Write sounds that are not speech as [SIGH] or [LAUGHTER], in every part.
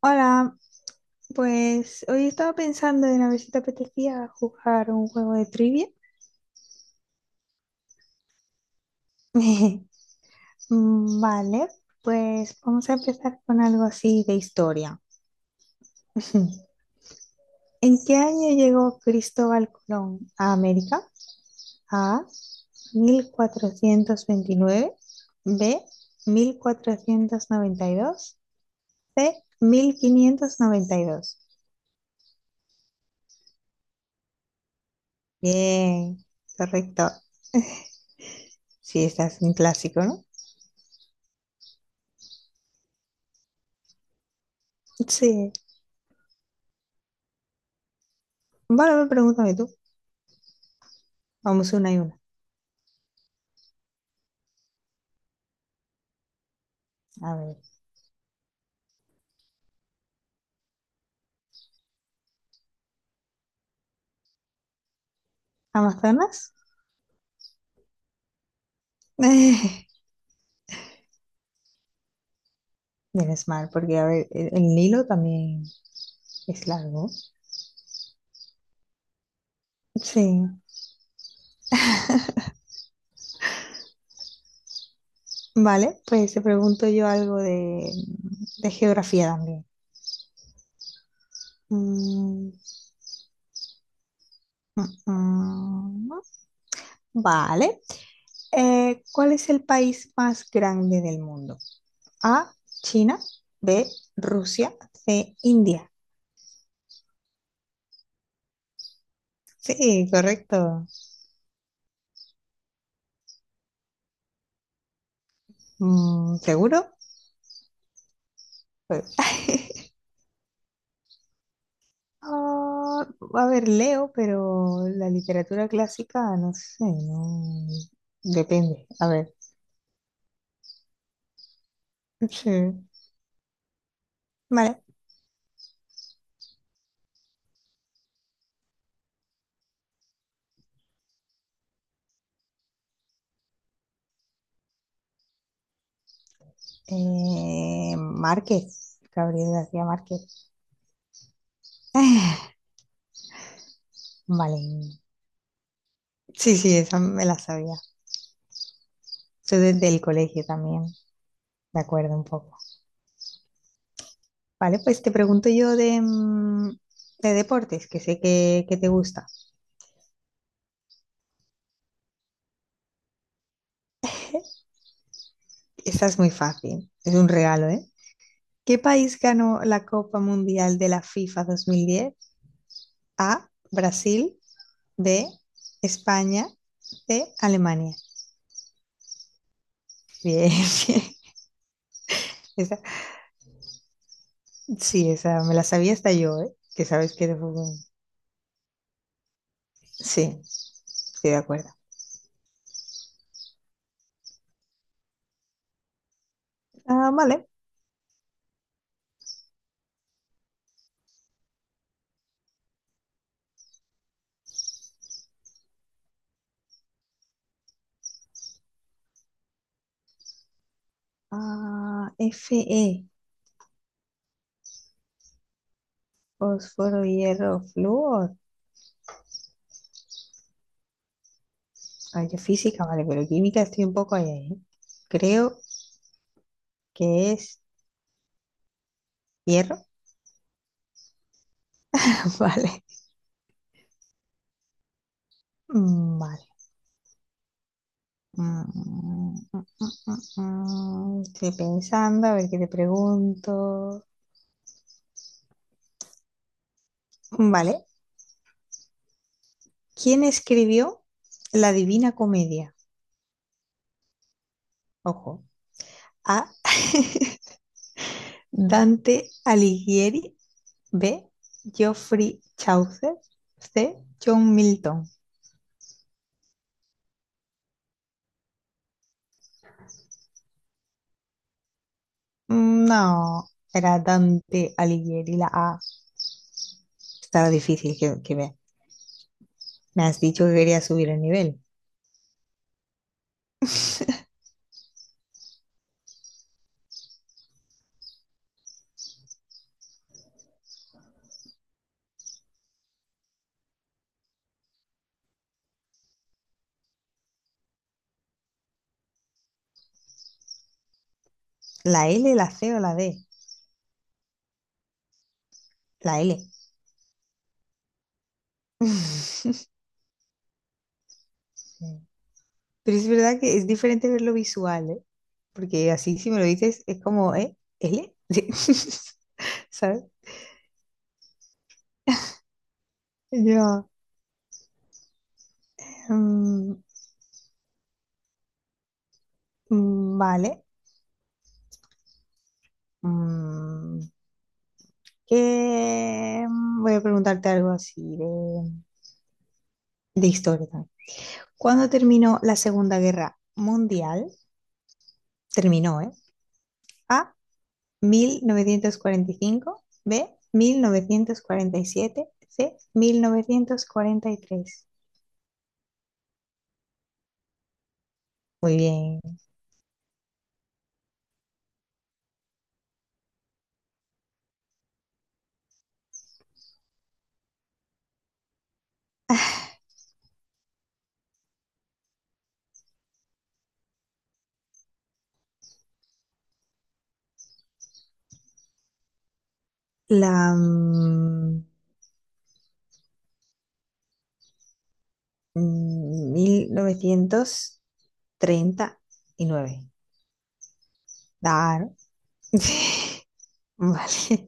Hola, pues hoy estaba pensando en a ver si te apetecía jugar un juego de trivia. [LAUGHS] Vale, pues vamos a empezar con algo así de historia. [LAUGHS] ¿En qué año llegó Cristóbal Colón a América? A, mil cuatrocientos veintinueve; B, mil cuatrocientos noventa y dos; C, 1592. Bien, correcto. Sí, estás es un clásico, ¿no? Sí. Vale, pregúntame tú. Vamos una y una. A ver. ¿Amazonas? [LAUGHS] Menos mal, porque a ver, el Nilo también es largo. Sí. Vale, pues te pregunto yo algo de geografía también. Mm, mm, mm. Vale. ¿Cuál es el país más grande del mundo? A, China; B, Rusia; C, India. Sí, correcto. Mm, ¿seguro? Pues, [LAUGHS] Ah, a ver, leo, pero la literatura clásica, no sé, no. Depende. A ver. Sí. Vale. Márquez. Gabriel García Márquez. [LAUGHS] Ah, vale. Sí, sí, esa me la sabía. Yo desde el colegio también, de acuerdo un poco. Vale, pues te pregunto yo de, de deportes, que sé que te gusta. Esta es muy fácil, es un regalo, ¿eh? ¿Qué país ganó la Copa Mundial de la FIFA 2010? A, Brasil; B, España; C, Alemania. [LAUGHS] Bien, bien. Esa- sí, esa me la sabía hasta yo, ¿eh? Que sabes que eres fútbol. Sí, estoy de acuerdo. Ah, vale. Ah, Fe, fósforo, hierro, flúor. Ay, yo física, vale, pero química estoy un poco ahí, ahí. Creo que es hierro. [LAUGHS] Vale. Vale. Mm. Estoy pensando, a ver qué te pregunto. Vale. ¿Quién escribió La Divina Comedia? Ojo. A, [LAUGHS] Dante Alighieri; B, Geoffrey Chaucer; C, John Milton. No, era Dante Alighieri, la A. Estaba difícil que ver. Me has dicho que quería subir el nivel. ¿La L, la C o la D? La L. [LAUGHS] Pero es verdad que es diferente verlo visual, ¿eh? Porque así si me lo dices es como, ¿eh? ¿L? [LAUGHS] ¿Sabes? Yo, mm, vale. Mm, voy a preguntarte algo así de historia también. ¿Cuándo terminó la Segunda Guerra Mundial? Terminó, ¿eh? A, mil novecientos cuarenta y cinco; B, mil novecientos cuarenta y siete; C, mil novecientos cuarenta y tres. Muy bien. La mm, mil novecientos treinta y nueve. Claro. [LAUGHS] Vale,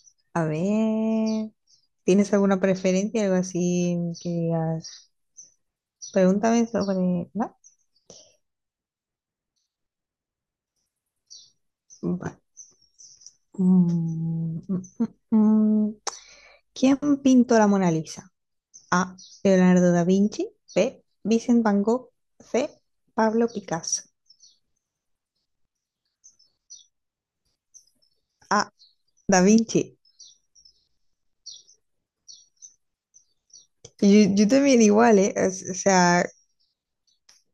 [LAUGHS] a ver, ¿tienes alguna preferencia, algo así que digas? Pregúntame sobre... ¿no? Vale. Mm, mm, mm, mm. ¿Quién pintó la Mona Lisa? A, Leonardo da Vinci; B, Vincent Van Gogh; C, Pablo Picasso. A, Da Vinci. Yo también igual, ¿eh? O sea,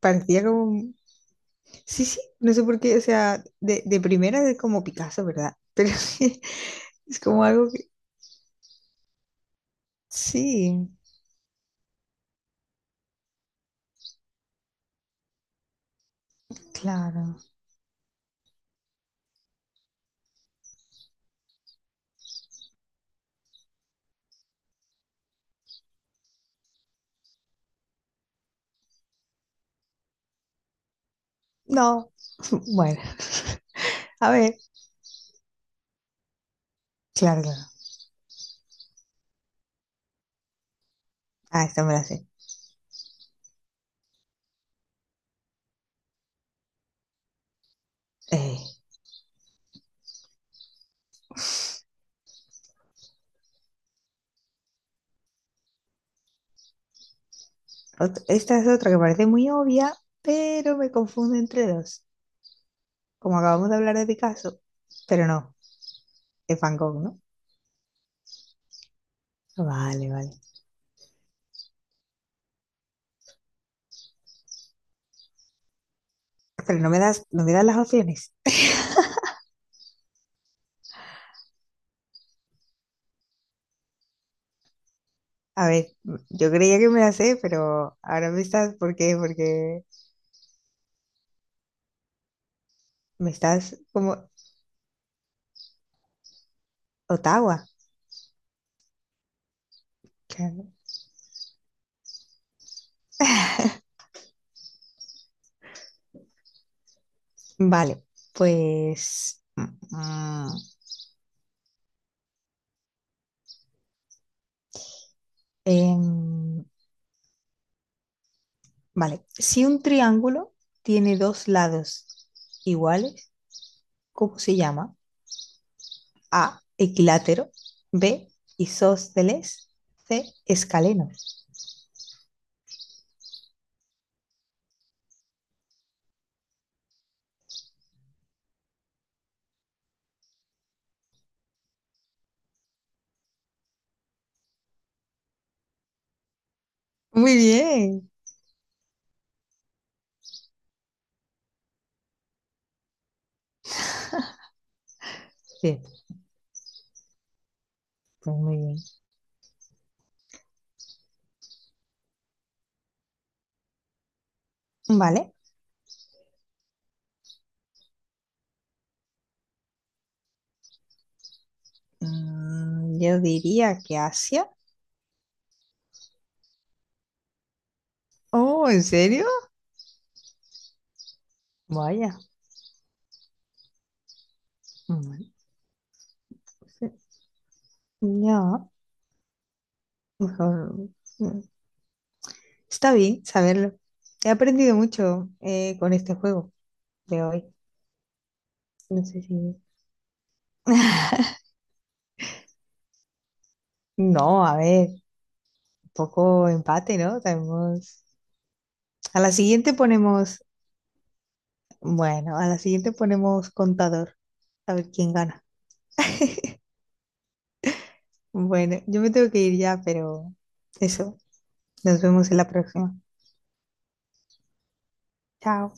parecía como... Sí, sí, no sé por qué, o sea, de primera es como Picasso, ¿verdad? Pero [LAUGHS] es como algo. Sí, claro. No, [LAUGHS] bueno. [LAUGHS] A ver, claro, claro. Ah, esta me la sé. Eh, esta es otra que parece muy obvia, pero me confunde entre dos. Como acabamos de hablar de Picasso, pero no, es Van Gogh, ¿no? Vale, vale. Pero no me das las opciones. A ver, yo creía que me las sé, pero ahora me estás, ¿por qué? Porque me estás como Ottawa. Claro. Vale, pues... mm. Em, vale, si un triángulo tiene dos lados iguales, ¿cómo se llama? A, equilátero; B, isósceles; C, escalenos. Muy bien. Sí, pues muy bien. Vale, yo diría que Asia. Oh, ¿en serio? Vaya. Bueno, sí, ya, mejor. mm, Está bien saberlo. He aprendido mucho, con este juego de hoy. No sé si... No, a ver, un poco empate, ¿no? Tenemos... A la siguiente ponemos, bueno, a la siguiente ponemos contador, a ver quién gana. Bueno, yo me tengo que ir ya, pero eso, nos vemos en la próxima. Chao.